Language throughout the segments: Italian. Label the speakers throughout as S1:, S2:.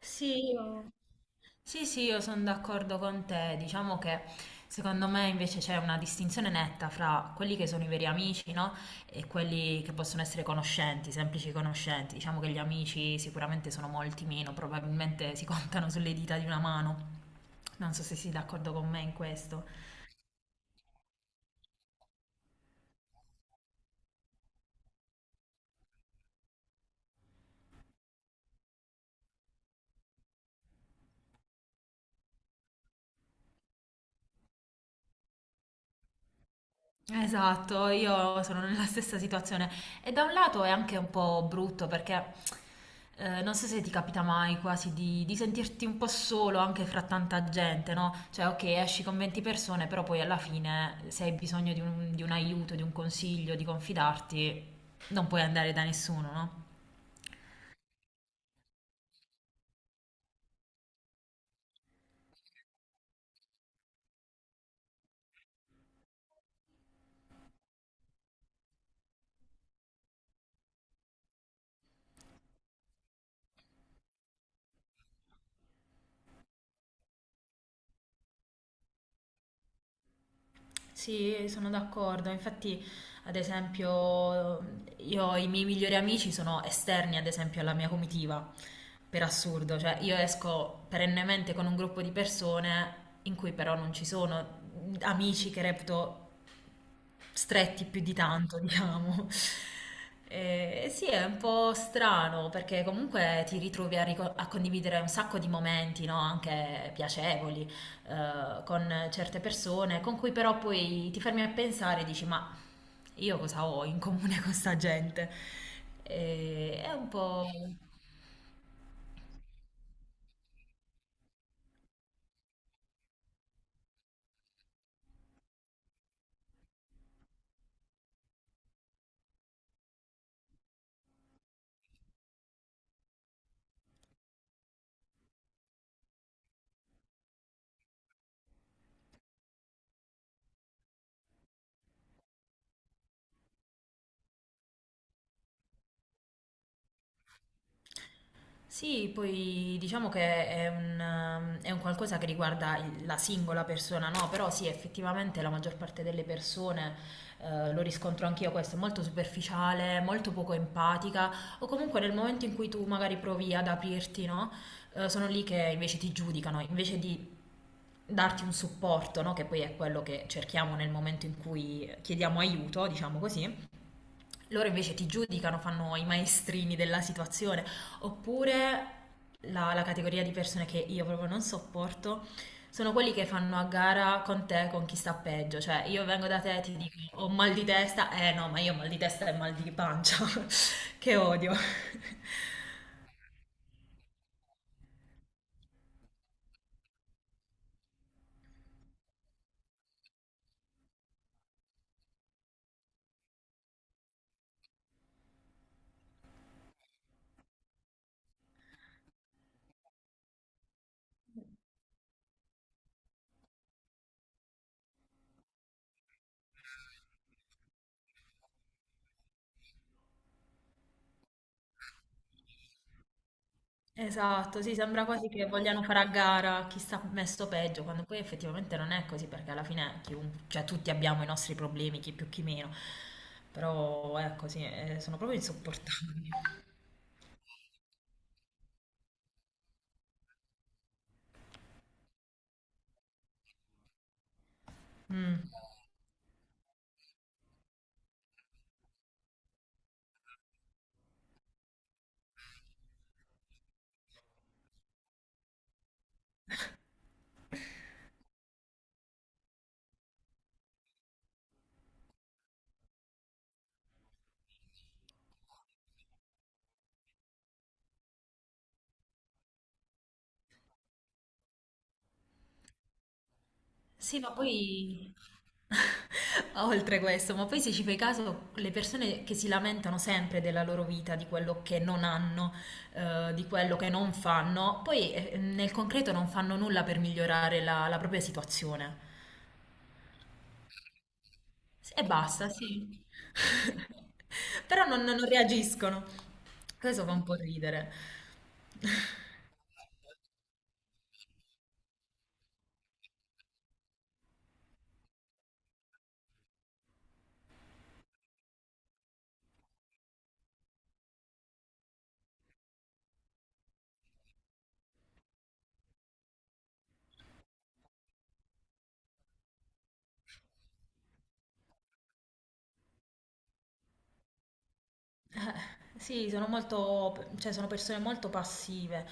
S1: Sì, io... Sì, sì, io sono d'accordo con te. Diciamo che secondo me invece c'è una distinzione netta fra quelli che sono i veri amici, no? E quelli che possono essere conoscenti, semplici conoscenti. Diciamo che gli amici sicuramente sono molti meno, probabilmente si contano sulle dita di una mano. Non so se sei d'accordo con me in questo. Esatto, io sono nella stessa situazione e da un lato è anche un po' brutto perché non so se ti capita mai quasi di sentirti un po' solo anche fra tanta gente, no? Cioè, ok, esci con 20 persone, però poi alla fine se hai bisogno di un aiuto, di un consiglio, di confidarti, non puoi andare da nessuno, no? Sì, sono d'accordo. Infatti, ad esempio, io i miei migliori amici sono esterni, ad esempio, alla mia comitiva, per assurdo. Cioè, io esco perennemente con un gruppo di persone in cui però non ci sono amici che reputo stretti più di tanto, diciamo. Sì, è un po' strano perché comunque ti ritrovi a condividere un sacco di momenti, no? Anche piacevoli con certe persone, con cui però poi ti fermi a pensare e dici ma io cosa ho in comune con sta gente? E è un po'. Sì, poi diciamo che è un qualcosa che riguarda la singola persona, no? Però sì, effettivamente la maggior parte delle persone, lo riscontro anch'io questo, è molto superficiale, molto poco empatica, o comunque nel momento in cui tu magari provi ad aprirti, no? Sono lì che invece ti giudicano, invece di darti un supporto, no? Che poi è quello che cerchiamo nel momento in cui chiediamo aiuto, diciamo così, loro invece ti giudicano, fanno i maestrini della situazione, oppure la categoria di persone che io proprio non sopporto sono quelli che fanno a gara con te con chi sta peggio, cioè io vengo da te e ti dico ho mal di testa, eh no, ma io ho mal di testa e mal di pancia, che odio. Esatto, sì, sembra quasi che vogliano fare a gara chi sta messo peggio, quando poi effettivamente non è così, perché alla fine cioè, tutti abbiamo i nostri problemi, chi più chi meno, però ecco sì, sono proprio insopportabili. Mm. Sì, ma poi, oltre questo, ma poi se ci fai caso, le persone che si lamentano sempre della loro vita, di quello che non hanno, di quello che non fanno, poi nel concreto non fanno nulla per migliorare la propria situazione. Sì, e basta, sì. Però non reagiscono. Questo fa un po' ridere. Sì, sono molto, cioè sono persone molto passive.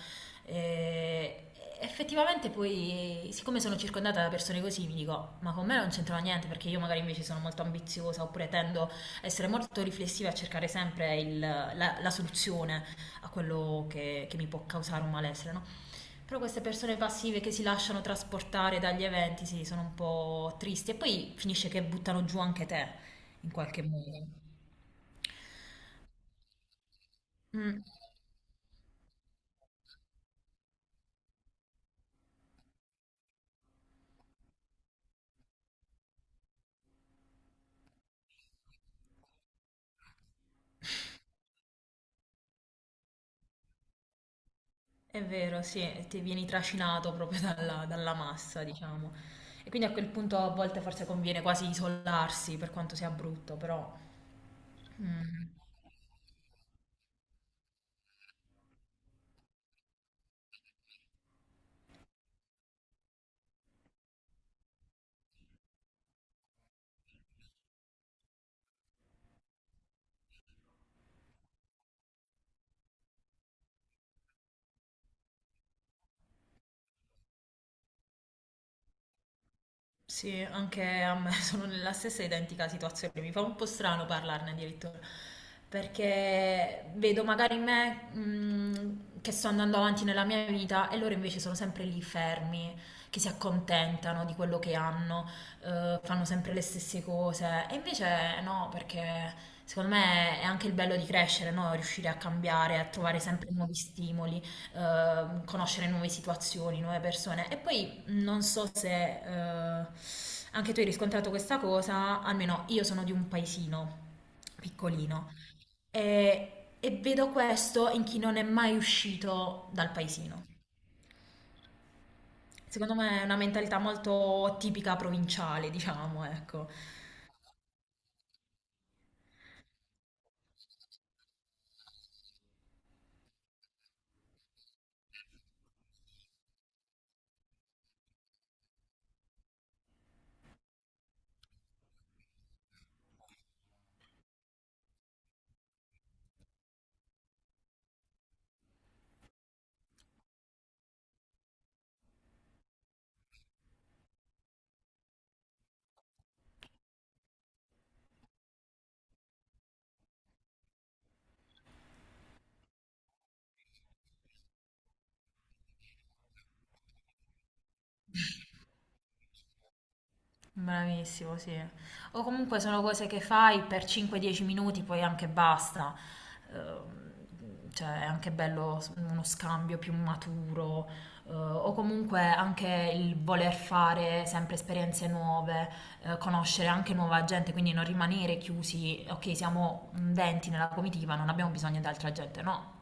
S1: E effettivamente poi, siccome sono circondata da persone così, mi dico, ma con me non c'entrava niente perché io magari invece sono molto ambiziosa oppure tendo a essere molto riflessiva e a cercare sempre la soluzione a quello che mi può causare un malessere, no? Però queste persone passive che si lasciano trasportare dagli eventi, sì, sono un po' tristi. E poi finisce che buttano giù anche te, in qualche modo. Mm, è vero, sì, ti vieni trascinato proprio dalla massa, diciamo. E quindi a quel punto a volte forse conviene quasi isolarsi, per quanto sia brutto, però. Mm. Sì, anche a me sono nella stessa identica situazione. Mi fa un po' strano parlarne addirittura, perché vedo magari me, che sto andando avanti nella mia vita e loro invece sono sempre lì fermi, che si accontentano di quello che hanno, fanno sempre le stesse cose. E invece no, perché secondo me è anche il bello di crescere, no? Riuscire a cambiare, a trovare sempre nuovi stimoli, conoscere nuove situazioni, nuove persone. E poi non so se eh, anche tu hai riscontrato questa cosa, almeno io sono di un paesino piccolino e vedo questo in chi non è mai uscito dal paesino. Secondo me è una mentalità molto tipica provinciale, diciamo, ecco. Bravissimo, sì. O comunque sono cose che fai per 5-10 minuti, poi anche basta. Ehm, Cioè, è anche bello uno scambio più maturo, o comunque anche il voler fare sempre esperienze nuove, conoscere anche nuova gente, quindi non rimanere chiusi, ok, siamo 20 nella comitiva, non abbiamo bisogno di altra gente, no.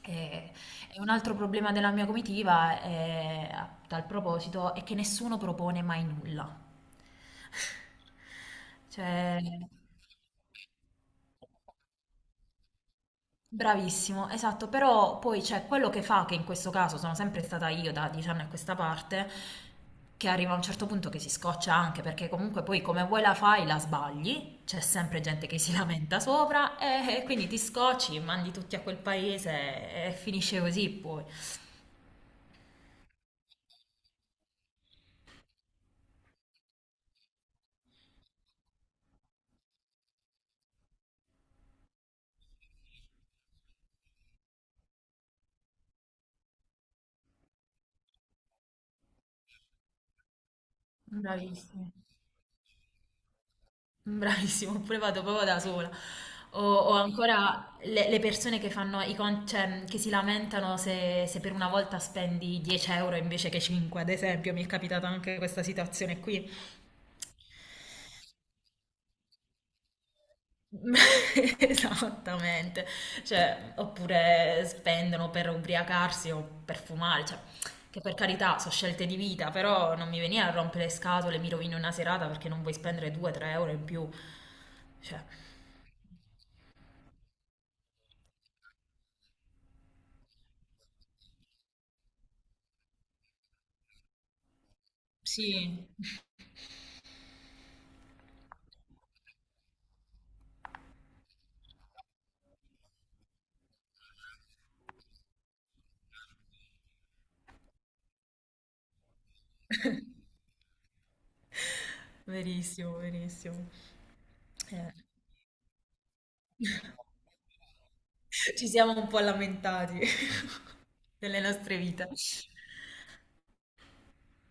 S1: E, e un altro problema della mia comitiva, è, a tal proposito, è che nessuno propone mai nulla. Cioè, bravissimo, esatto, però poi c'è quello che fa, che in questo caso sono sempre stata io da 10 anni a questa parte, che arriva a un certo punto che si scoccia anche, perché comunque poi come vuoi la fai la sbagli, c'è sempre gente che si lamenta sopra e quindi ti scocci, mandi tutti a quel paese e finisce così poi. Bravissimo. Bravissimo, oppure vado proprio da sola. O ancora le persone che fanno cioè, che si lamentano se per una volta spendi 10 euro invece che 5, ad esempio, mi è capitata anche questa situazione qui. Esattamente, cioè, oppure spendono per ubriacarsi o per fumare, cioè, che per carità sono scelte di vita, però non mi venire a rompere le scatole, mi rovino una serata perché non vuoi spendere 2-3 euro in più, cioè. Sì. Verissimo, verissimo. Eh, Ci siamo un po' lamentati delle nostre vite.